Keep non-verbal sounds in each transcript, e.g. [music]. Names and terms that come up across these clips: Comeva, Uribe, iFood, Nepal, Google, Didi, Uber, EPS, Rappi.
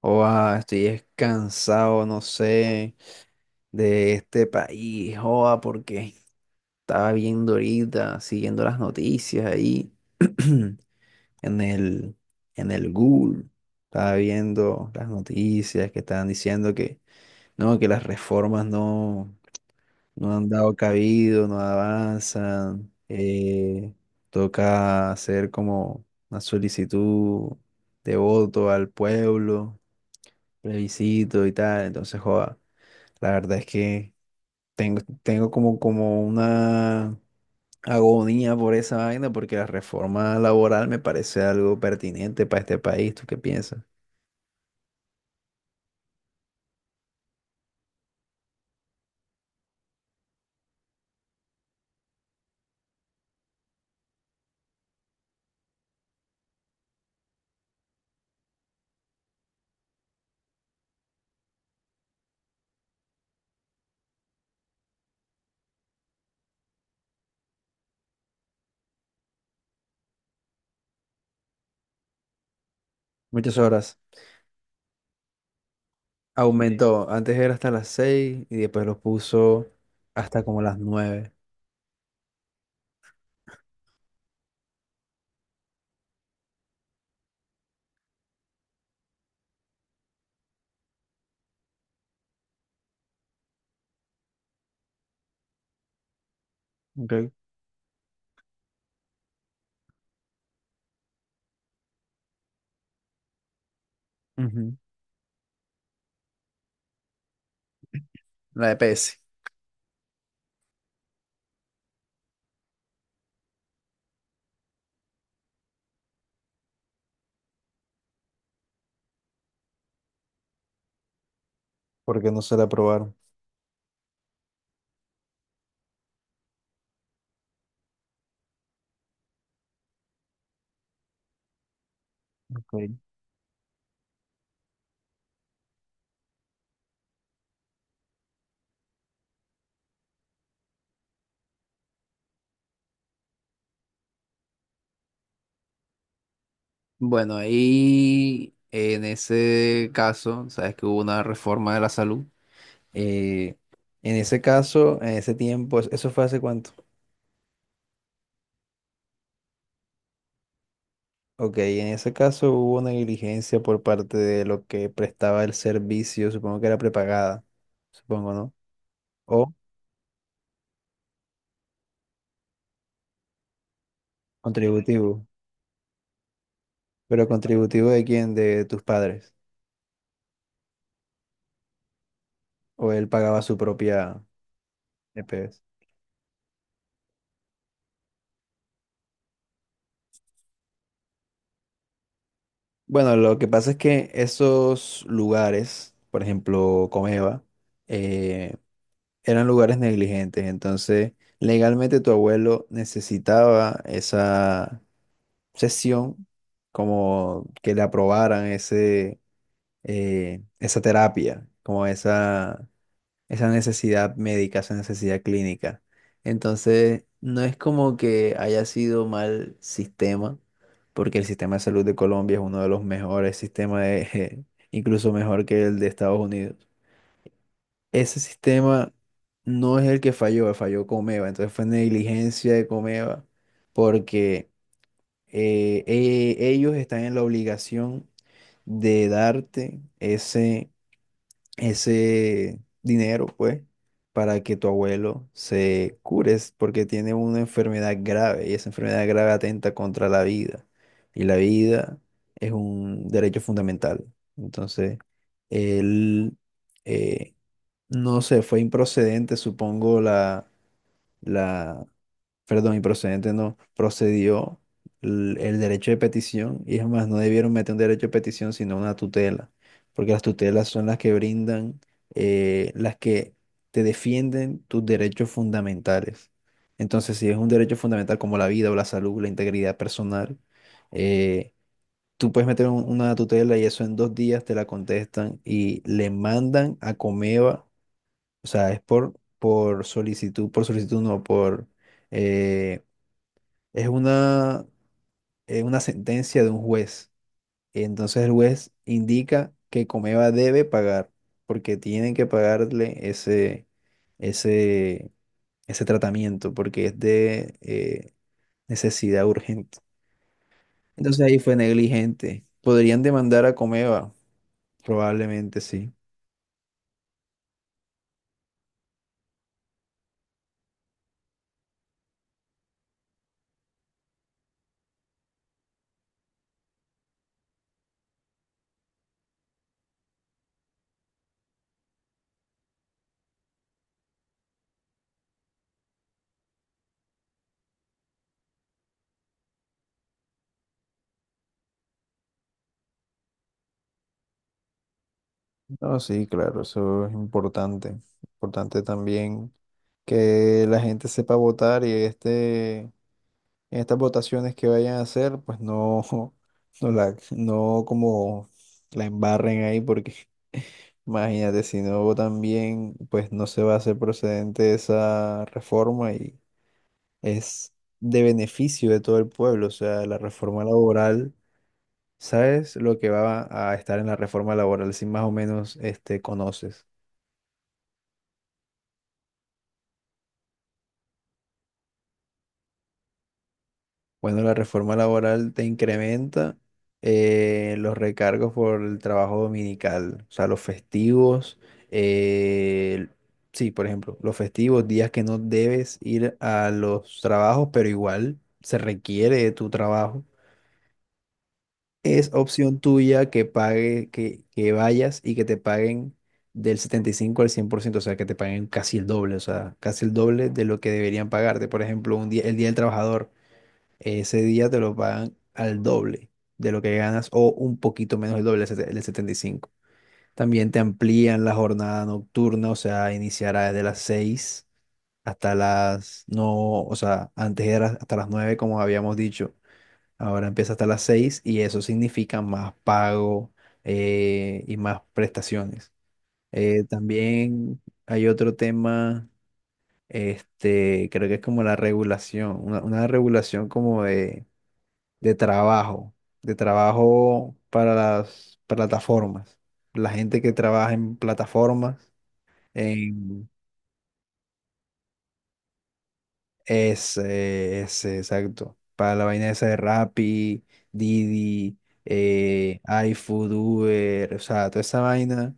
Oa, estoy cansado, no sé, de este país, joa, porque estaba viendo ahorita, siguiendo las noticias ahí [clears throat] en el, en el Google. Estaba viendo las noticias que estaban diciendo que no, que las reformas no, no han dado cabido, no avanzan, toca hacer como una solicitud de voto al pueblo, plebiscito y tal, entonces joa. La verdad es que tengo como, como una agonía por esa vaina, porque la reforma laboral me parece algo pertinente para este país. ¿Tú qué piensas? Muchas horas. Sí. Aumentó. Antes era hasta las 6 y después lo puso hasta como las nueve. Ok. Ujú. La EPS. Porque no se la aprobaron. Ok. Bueno, ahí en ese caso, sabes que hubo una reforma de la salud. Eh, en ese caso, en ese tiempo, ¿eso fue hace cuánto? Ok, en ese caso hubo una negligencia por parte de lo que prestaba el servicio, supongo que era prepagada, supongo, ¿no? O contributivo, pero contributivo de quién, de tus padres, o él pagaba su propia EPS. Bueno, lo que pasa es que esos lugares, por ejemplo, Comeva, eh, eran lugares negligentes, entonces legalmente tu abuelo necesitaba esa sesión, como que le aprobaran ese, esa terapia, como esa necesidad médica, esa necesidad clínica. Entonces, no es como que haya sido mal sistema, porque el sistema de salud de Colombia es uno de los mejores sistemas, [laughs] incluso mejor que el de Estados Unidos. Ese sistema no es el que falló, falló Comeva, entonces fue negligencia de Comeva, porque ellos están en la obligación de darte ese dinero, pues, para que tu abuelo se cure, es porque tiene una enfermedad grave y esa enfermedad grave atenta contra la vida. Y la vida es un derecho fundamental. Entonces, él, eh, no sé, fue improcedente, supongo, la, perdón, y procedente no, procedió el derecho de petición. Y es más, no debieron meter un derecho de petición sino una tutela, porque las tutelas son las que brindan, las que te defienden tus derechos fundamentales. Entonces, si es un derecho fundamental como la vida o la salud, la integridad personal, eh, tú puedes meter una tutela y eso en dos días te la contestan y le mandan a Comeva, o sea, es por solicitud no, por... eh, es una sentencia de un juez. Entonces el juez indica que Comeva debe pagar, porque tienen que pagarle ese, ese tratamiento, porque es de necesidad urgente. Entonces ahí fue negligente. ¿Podrían demandar a Comeva? Probablemente sí. No, sí, claro, eso es importante. Importante también que la gente sepa votar y este, en estas votaciones que vayan a hacer, pues no, [laughs] no, la, no como la embarren ahí, porque [laughs] imagínate, si no votan bien, pues no se va a hacer procedente esa reforma y es de beneficio de todo el pueblo. O sea, la reforma laboral, ¿sabes lo que va a estar en la reforma laboral? Si más o menos este, conoces. Bueno, la reforma laboral te incrementa los recargos por el trabajo dominical, o sea, los festivos, eh, sí, por ejemplo, los festivos, días que no debes ir a los trabajos, pero igual se requiere de tu trabajo. Es opción tuya que pague, que vayas y que te paguen del 75 al cien por ciento, o sea, que te paguen casi el doble, o sea, casi el doble de lo que deberían pagarte. Por ejemplo, un día, el Día del Trabajador, ese día te lo pagan al doble de lo que ganas o un poquito menos el doble, el setenta y cinco. También te amplían la jornada nocturna, o sea, iniciará desde las 6 hasta las, no, o sea, antes era hasta las 9 como habíamos dicho, ahora empieza hasta las 6 y eso significa más pago, y más prestaciones. También hay otro tema, este, creo que es como la regulación, una regulación como de de trabajo, de trabajo para las plataformas. La gente que trabaja en plataformas, en exacto. Para la vaina esa de Rappi, Didi, eh, iFood, Uber, o sea, toda esa vaina.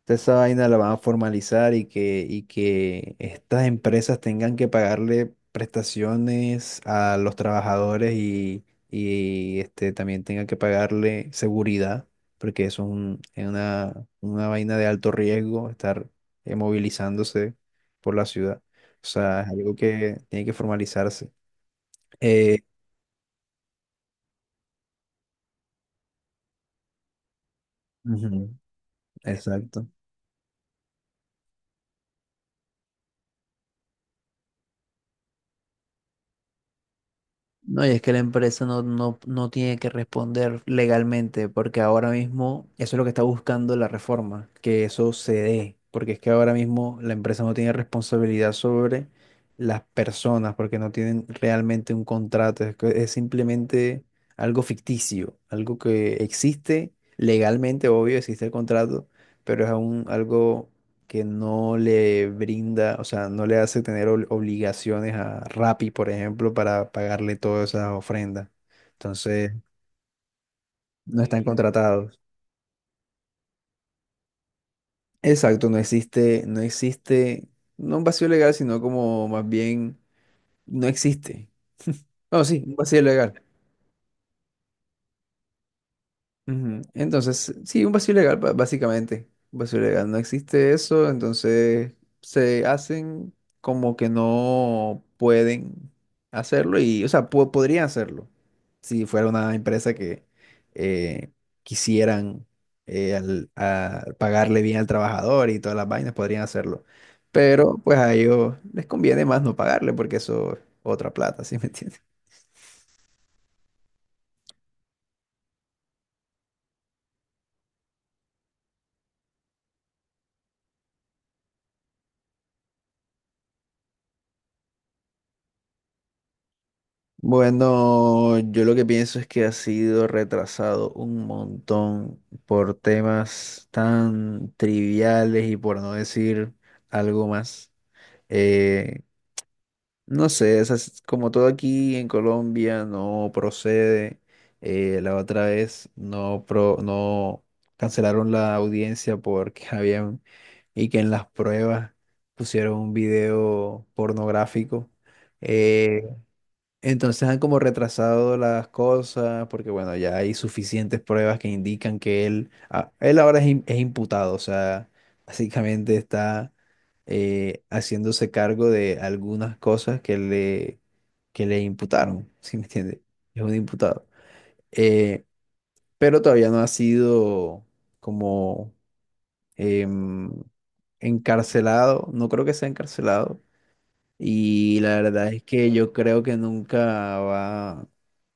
Entonces, esa vaina la van a formalizar, y que estas empresas tengan que pagarle prestaciones a los trabajadores y, este, también tengan que pagarle seguridad, porque eso es es una vaina de alto riesgo, estar movilizándose por la ciudad. O sea, es algo que tiene que formalizarse. Eh, ujú, exacto. No, y es que la empresa no, no tiene que responder legalmente, porque ahora mismo eso es lo que está buscando la reforma, que eso se dé, porque es que ahora mismo la empresa no tiene responsabilidad sobre las personas, porque no tienen realmente un contrato, es, que es simplemente algo ficticio, algo que existe legalmente, obvio, existe el contrato, pero es aún algo que no le brinda, o sea, no le hace tener obligaciones a Rappi, por ejemplo, para pagarle todas esas ofrendas. Entonces, no están Sí. contratados. Exacto, no existe, no un vacío legal, sino como más bien, no existe. No, sí, un vacío legal. Ujú. Entonces, sí, un vacío legal, básicamente. Un vacío legal. No existe eso, entonces se hacen como que no pueden hacerlo y, o sea, podrían hacerlo si fuera una empresa que eh, quisieran a pagarle bien al trabajador y todas las vainas, podrían hacerlo. Pero pues a ellos les conviene más no pagarle porque eso es otra plata, [laughs] ¿sí me entiendes? Bueno, yo lo que pienso es que ha sido retrasado un montón por temas tan triviales y por no decir algo más. Eh, no sé, esas- como todo aquí en Colombia no procede. La otra vez no, no cancelaron la audiencia porque [laughs] habían, y que en las pruebas pusieron un video pornográfico. eh, entonces han como retrasado las cosas porque, bueno, ya hay suficientes pruebas que indican que él, ah, él ahora es, es imputado, o sea, [laughs] básicamente está haciéndose cargo de algunas cosas que le imputaron, [laughs] ¿sí me entiende? Es un imputado. Eh, pero todavía no ha sido como em, encarcelado, no creo que sea encarcelado, y la verdad es que yo creo que nunca va,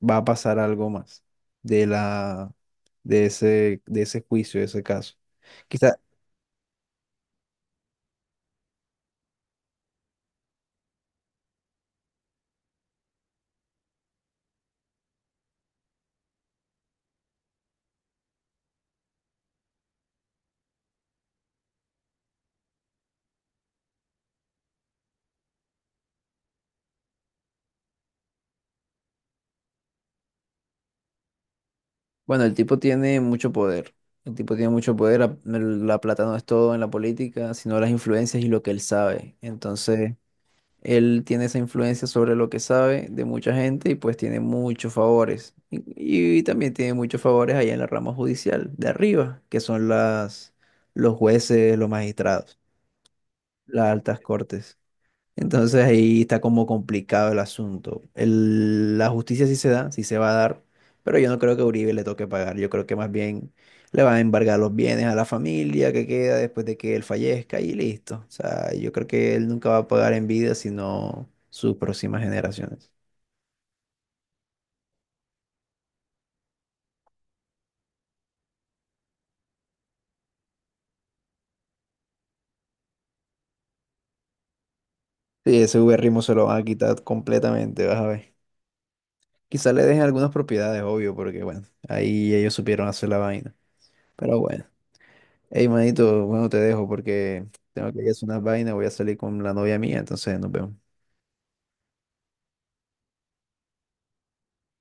va a pasar algo más de la, de ese juicio, de ese caso. Quizá, bueno, el tipo tiene mucho poder. El tipo tiene mucho poder. La plata no es todo en la política, sino las influencias y lo que él sabe. Entonces, él tiene esa influencia sobre lo que sabe de mucha gente y pues tiene muchos favores. Y también tiene muchos favores allá en la rama judicial de arriba, que son los jueces, los magistrados, las altas cortes. Entonces ahí está como complicado el asunto. La justicia sí se da, sí se va a dar, pero yo no creo que a Uribe le toque pagar. Yo creo que más bien le van a embargar los bienes a la familia que queda después de que él fallezca y listo. O sea, yo creo que él nunca va a pagar en vida, sino sus próximas generaciones. Sí, ese Uberrimo se lo van a quitar completamente, vas a ver. Quizá le dejen algunas propiedades, obvio, porque bueno, ahí ellos supieron hacer la vaina. Pero bueno. Hey, manito, bueno, te dejo porque tengo que ir a hacer unas vainas, voy a salir con la novia mía, entonces nos vemos.